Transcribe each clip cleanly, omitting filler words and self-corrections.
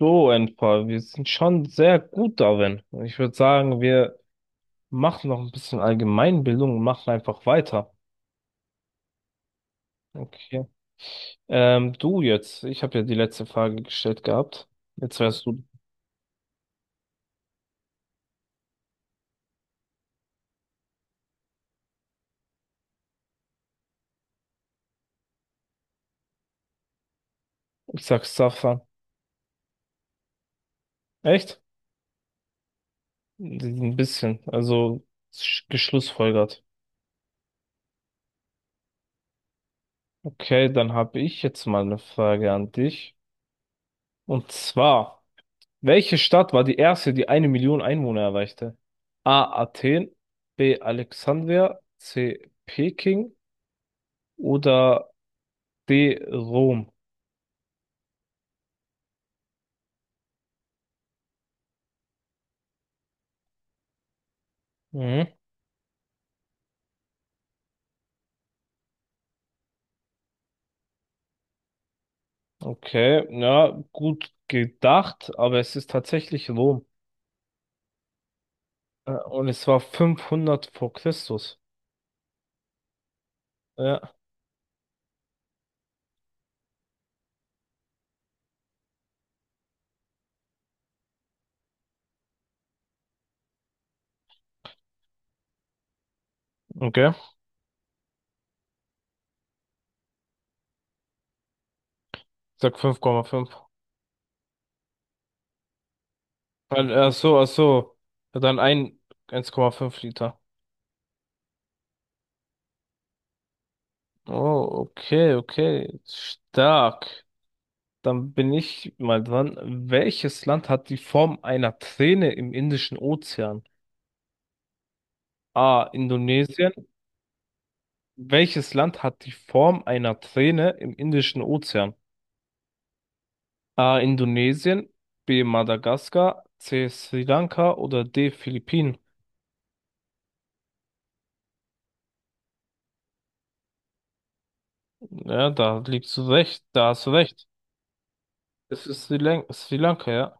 So, Enfer, wir sind schon sehr gut darin. Ich würde sagen, wir machen noch ein bisschen Allgemeinbildung und machen einfach weiter. Okay. Du jetzt, ich habe ja die letzte Frage gestellt gehabt. Jetzt wärst du. Ich sag Safa. Echt? Ein bisschen, also geschlussfolgert. Okay, dann habe ich jetzt mal eine Frage an dich. Und zwar. Welche Stadt war die erste, die eine Million Einwohner erreichte? A. Athen, B. Alexandria, C. Peking oder D. Rom? Mhm. Okay, ja, gut gedacht, aber es ist tatsächlich Rom. Und es war 500 vor Christus. Ja, okay. Ich sag 5,5. Weil, ach so, ach so. Ja, dann ein, 1,5 Liter. Oh, okay, okay. Stark. Dann bin ich mal dran. Welches Land hat die Form einer Träne im Indischen Ozean? A. Indonesien. Welches Land hat die Form einer Träne im Indischen Ozean? A. Indonesien. B. Madagaskar. C. Sri Lanka oder D. Philippinen? Ja, da liegst du recht. Da hast du recht. Es ist Sri Lanka, ja.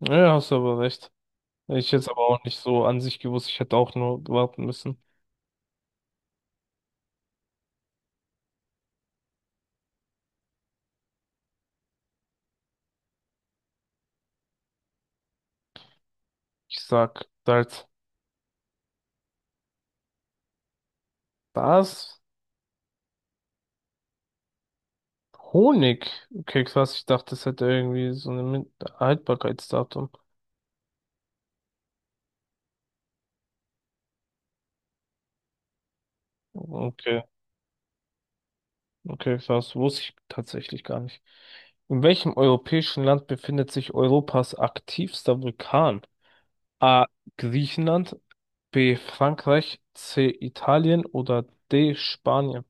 Ja, hast du aber recht. Hätte ich jetzt aber auch nicht so an sich gewusst. Ich hätte auch nur warten müssen. Ich sag halt das. Honigkeks, was ich dachte, das hätte irgendwie so ein Haltbarkeitsdatum. Okay, okay, das wusste ich tatsächlich gar nicht. In welchem europäischen Land befindet sich Europas aktivster Vulkan? A. Griechenland, B. Frankreich, C. Italien oder D. Spanien?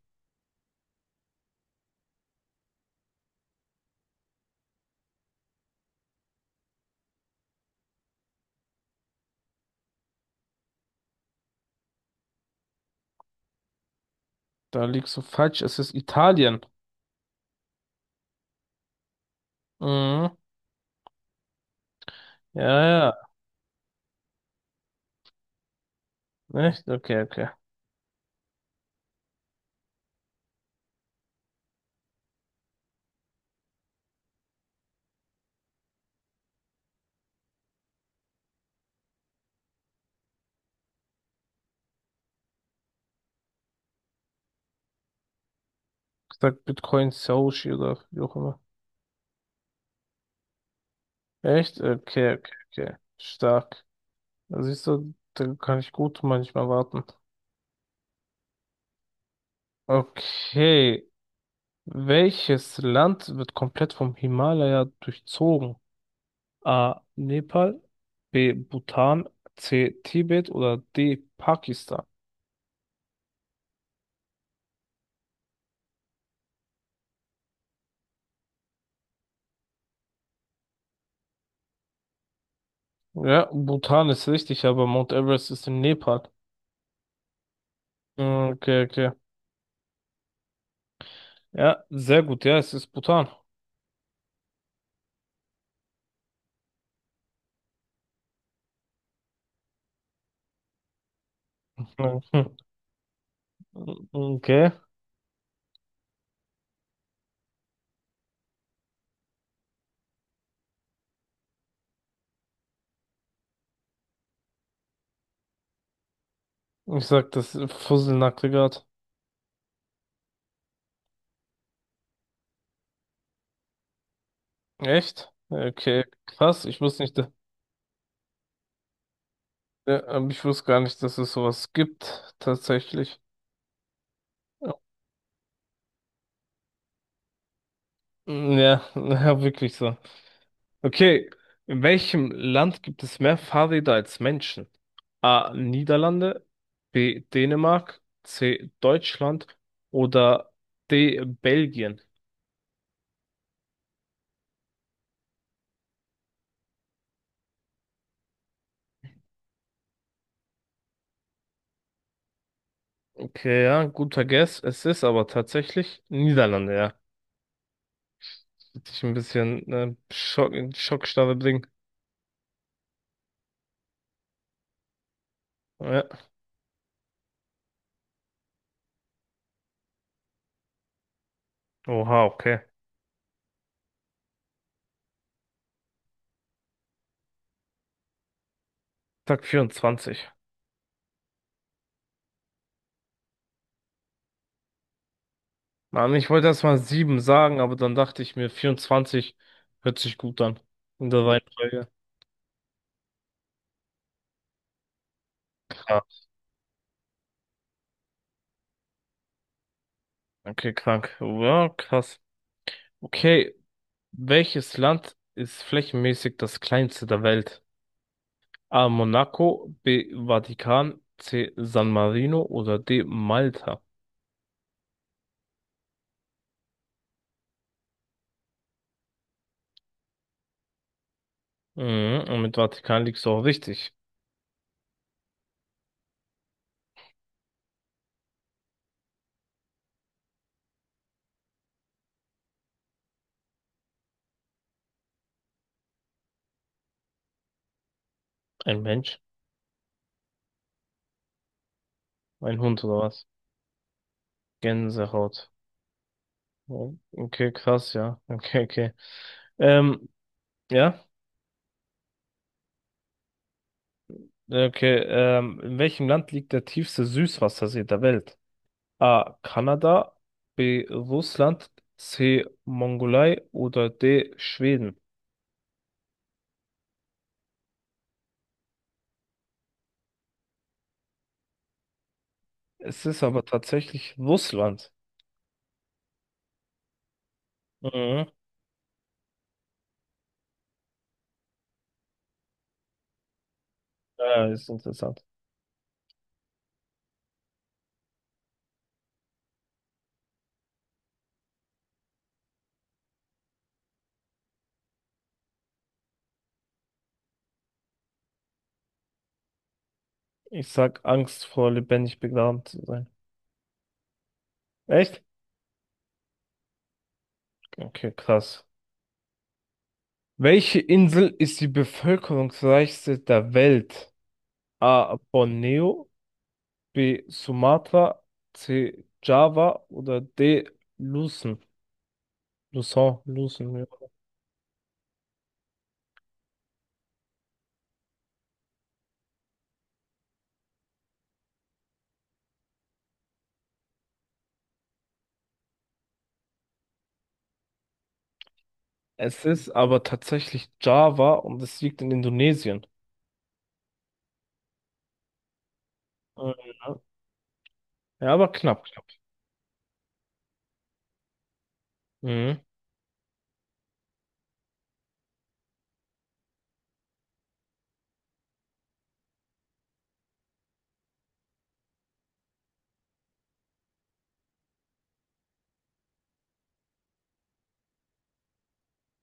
Da liegst du falsch, es ist Italien. Mhm. Ja, ja, echt? Okay, okay. Ich sag Bitcoin Sushi oder wie auch immer. Echt? Okay, okay, okay. Stark. Da siehst du, da kann ich gut manchmal warten. Okay. Welches Land wird komplett vom Himalaya durchzogen? A. Nepal, B. Bhutan, C. Tibet oder D. Pakistan? Ja, Bhutan ist richtig, aber Mount Everest ist in Nepal. Mm, okay, okay. Ja, sehr gut. Ja, es ist Bhutan. Mhm. Okay. Ich sag das Fusselnackte grad. Echt? Okay, krass. Ich wusste nicht. Ja, aber ich wusste gar nicht, dass es sowas gibt, tatsächlich. Mm, ja, ja, wirklich so. Okay, in welchem Land gibt es mehr Fahrräder als Menschen? A. Niederlande, B. Dänemark, C. Deutschland oder D. Belgien. Okay, ja, guter Guess. Es ist aber tatsächlich Niederlande, ja. Hätte ich ein bisschen Schock, in Schockstarre bringen. Ja. Oha, okay. Tag 24. Mann, ich wollte erst mal sieben sagen, aber dann dachte ich mir, 24 hört sich gut an. In der Nee. Reihenfolge. Krass. Okay, krank. Ja, krass. Okay, welches Land ist flächenmäßig das kleinste der Welt? A. Monaco, B. Vatikan, C. San Marino oder D. Malta? Mhm, und mit Vatikan liegst du auch richtig. Ein Mensch? Ein Hund oder was? Gänsehaut. Oh, okay, krass, ja. Okay, okay. Ähm, ja. Okay, in welchem Land liegt der tiefste Süßwassersee der Welt? A. Kanada, B. Russland, C. Mongolei oder D. Schweden. Es ist aber tatsächlich Russland. Mhm. Ja, ist interessant. Ich sag Angst vor lebendig begraben zu sein. Echt? Okay, krass. Welche Insel ist die bevölkerungsreichste der Welt? A. Borneo, B. Sumatra, C. Java oder D. Luzon. Lusau, Lucen, ja. Es ist aber tatsächlich Java und es liegt in Indonesien. Äh, Ja, ja, aber knapp, knapp. Mhm.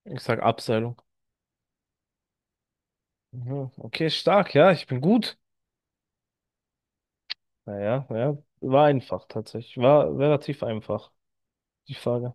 Ich sag Abseilung. Mhm. Okay, stark, ja, ich bin gut. Naja, ja, ja, war einfach tatsächlich. War relativ einfach, die Frage.